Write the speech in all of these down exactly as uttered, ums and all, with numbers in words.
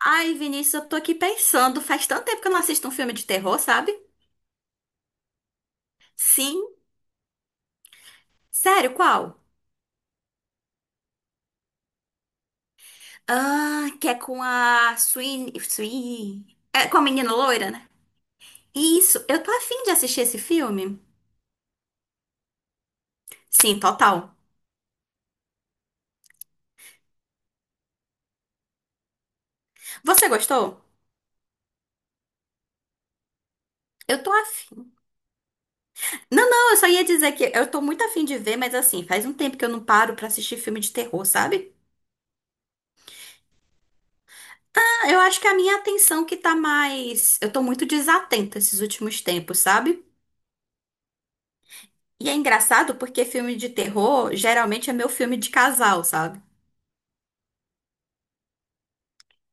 Ai, Vinícius, eu tô aqui pensando. Faz tanto tempo que eu não assisto um filme de terror, sabe? Sim. Sério, qual? Ah, que é com a Sweeney. Sweeney. É com a menina loira, né? Isso, eu tô afim de assistir esse filme. Sim, total. Você gostou? Eu tô afim. Não, não, eu só ia dizer que eu tô muito afim de ver, mas assim, faz um tempo que eu não paro pra assistir filme de terror, sabe? Ah, eu acho que a minha atenção que tá mais. Eu tô muito desatenta esses últimos tempos, sabe? E é engraçado porque filme de terror geralmente é meu filme de casal, sabe?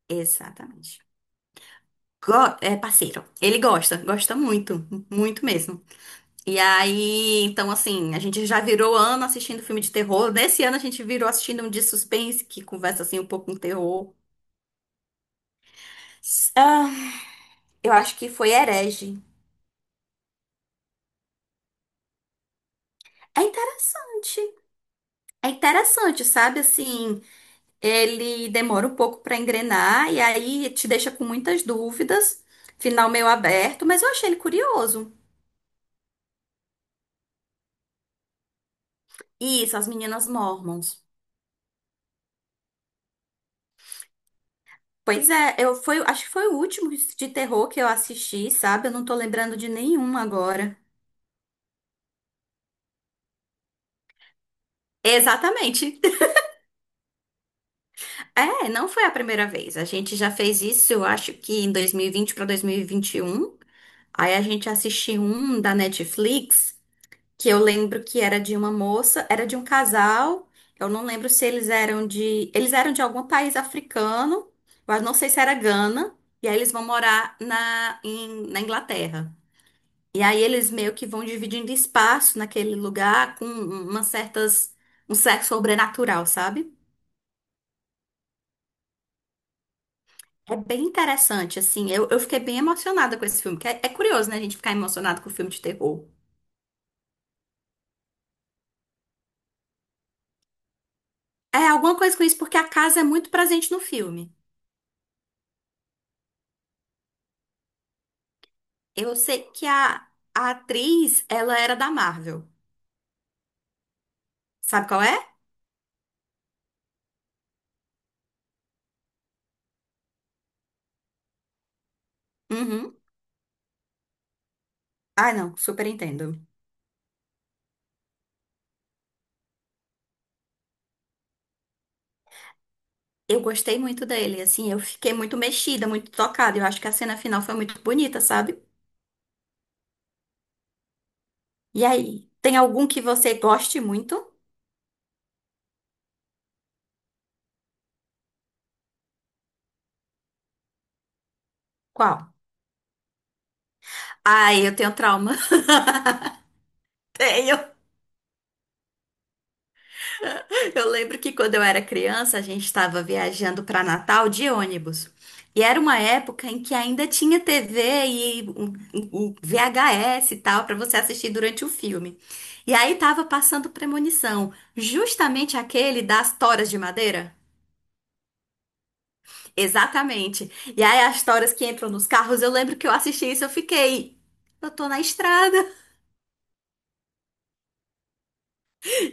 Exatamente. Go- é parceiro. Ele gosta, gosta muito, muito mesmo. E aí, então assim, a gente já virou ano assistindo filme de terror. Nesse ano a gente virou assistindo um de suspense que conversa assim um pouco com terror. ah, eu acho que foi Herege. É interessante. É interessante, sabe assim. Ele demora um pouco para engrenar e aí te deixa com muitas dúvidas. Final meio aberto, mas eu achei ele curioso. Isso, as meninas Mormons. Pois é, eu foi, acho que foi o último de terror que eu assisti, sabe? Eu não tô lembrando de nenhum agora. Exatamente. É, não foi a primeira vez. A gente já fez isso, eu acho que em dois mil e vinte para dois mil e vinte e um. Aí a gente assistiu um da Netflix, que eu lembro que era de uma moça, era de um casal. Eu não lembro se eles eram de, eles eram de algum país africano, mas não sei se era Gana. E aí eles vão morar na, em- na Inglaterra. E aí eles meio que vão dividindo espaço naquele lugar com umas certas, um sexo sobrenatural, sabe? É bem interessante, assim. Eu, eu fiquei bem emocionada com esse filme. Que É, é curioso, né, a gente ficar emocionado com filme de terror. É alguma coisa com isso, porque a casa é muito presente no filme. Eu sei que a, a atriz, ela era da Marvel. Sabe qual é? Uhum. Ah, não, super entendo. Eu gostei muito dele, assim, eu fiquei muito mexida, muito tocada. Eu acho que a cena final foi muito bonita, sabe? E aí, tem algum que você goste muito? Qual? Ai, eu tenho trauma. Tenho. Eu lembro que quando eu era criança, a gente estava viajando para Natal de ônibus. E era uma época em que ainda tinha T V e um- um- um V H S e tal para você assistir durante o filme. E aí tava passando Premonição, justamente aquele das toras de madeira. Exatamente. E aí as toras que entram nos carros, eu lembro que eu assisti isso, eu fiquei, eu tô na estrada.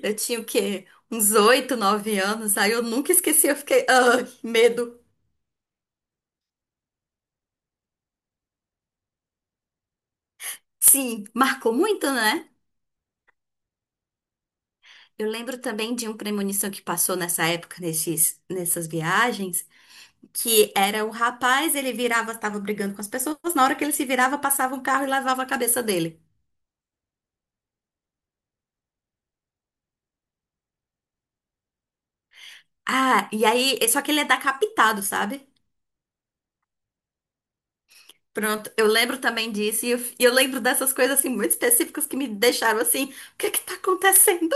Eu tinha o quê? Uns oito, nove anos. Aí eu nunca esqueci, eu fiquei, ah, que medo. Sim, marcou muito, né? Eu lembro também de um premonição que passou nessa época, nesses, nessas viagens, que era o rapaz, ele virava, estava brigando com as pessoas, na hora que ele se virava, passava um carro e lavava a cabeça dele. Ah, e aí, só que ele é decapitado, sabe? Pronto, eu lembro também disso, e eu, e eu lembro dessas coisas, assim, muito específicas que me deixaram assim, o que é que tá acontecendo?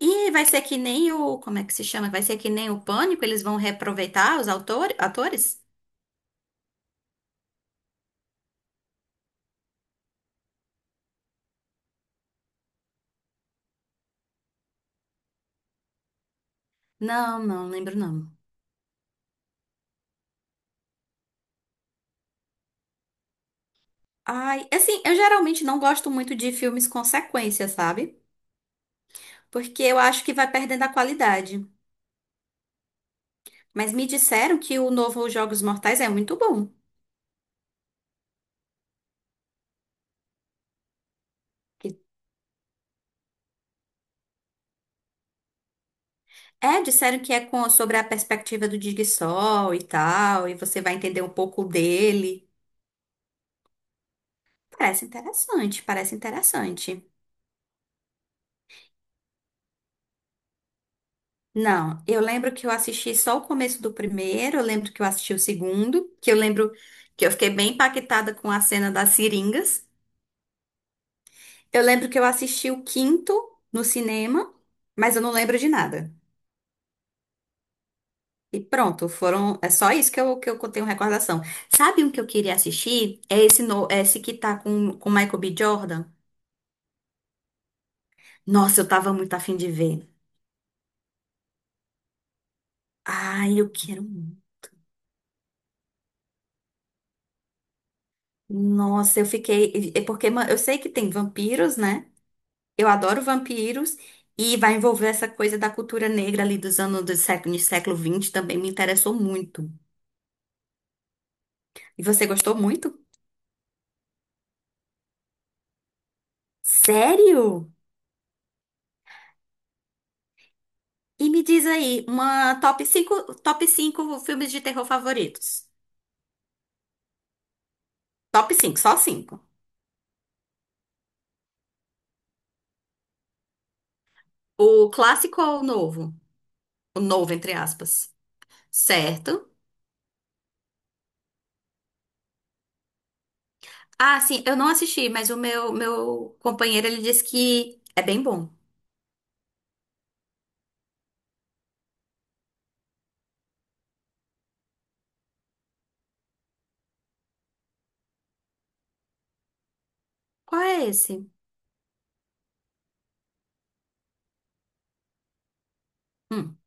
E vai ser que nem o, como é que se chama? Vai ser que nem o Pânico, eles vão reaproveitar os autor, atores? Não, não lembro não. Ai, assim, eu geralmente não gosto muito de filmes com sequência, sabe? Porque eu acho que vai perdendo a qualidade. Mas me disseram que o novo Jogos Mortais é muito bom. Que- É, disseram que é com, sobre a perspectiva do Sol e tal, e você vai entender um pouco dele. Parece interessante, parece interessante. Não, eu lembro que eu assisti só o começo do primeiro, eu lembro que eu assisti o segundo, que eu lembro que eu fiquei bem impactada com a cena das seringas. Eu lembro que eu assisti o quinto no cinema, mas eu não lembro de nada. E pronto, foram. É só isso que eu, que eu tenho recordação. Sabe um que eu queria assistir? É esse, no, é esse que tá com, com Michael B. Jordan. Nossa, eu tava muito afim de ver. Ai, eu quero. Muito. Nossa, eu fiquei. É porque ma- eu sei que tem vampiros, né? Eu adoro vampiros. E vai envolver essa coisa da cultura negra ali dos anos do século, do século vinte também me interessou muito. E você gostou muito? Sério? E me diz aí, uma top cinco top cinco filmes de terror favoritos. Top cinco só cinco. O clássico ou o novo? O novo, entre aspas. Certo. Ah, sim, eu não assisti, mas o meu, meu companheiro, ele disse que é bem bom. Qual é esse? Hum.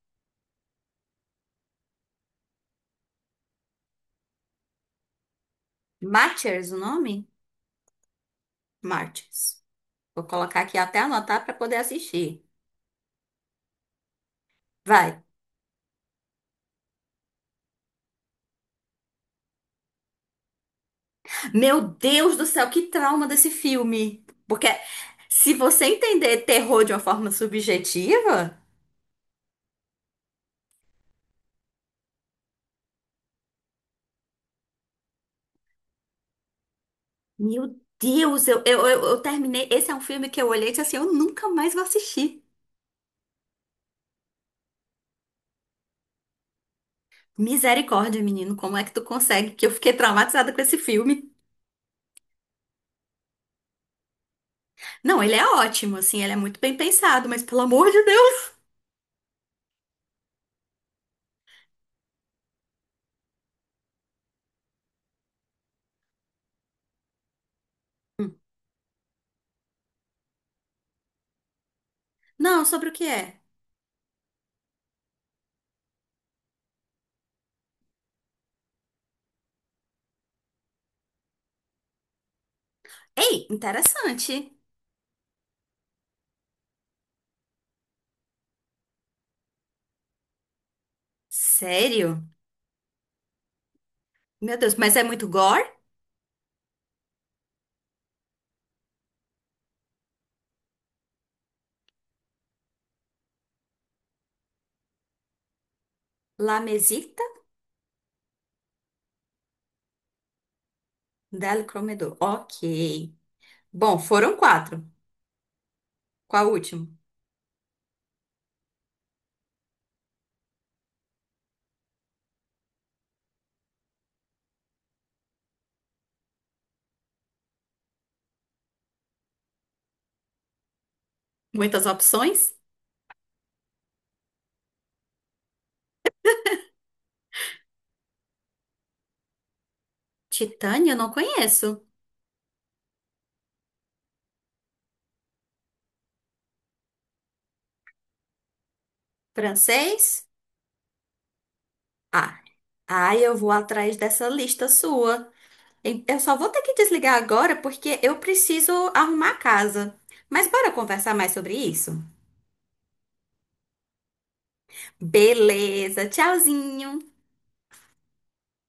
Martyrs, o nome? Martyrs. Vou colocar aqui até anotar pra poder assistir. Vai. Meu Deus do céu, que trauma desse filme. Porque se você entender terror de uma forma subjetiva... Meu Deus, eu, eu, eu, eu terminei. Esse é um filme que eu olhei e disse assim: eu nunca mais vou assistir. Misericórdia, menino, como é que tu consegue? Que eu fiquei traumatizada com esse filme. Não, ele é ótimo, assim, ele é muito bem pensado, mas pelo amor de Deus. Hum. Não, sobre o que é? Ei, interessante. Sério? Meu Deus, mas é muito gore? La Mesita del Comedor. Ok. Bom, foram quatro. Qual o último? Muitas opções? Titânia, eu não conheço. Francês? Ah. Ai, eu vou atrás dessa lista sua. E eu só vou ter que desligar agora porque eu preciso arrumar a casa. Mas bora conversar mais sobre isso? Beleza, tchauzinho!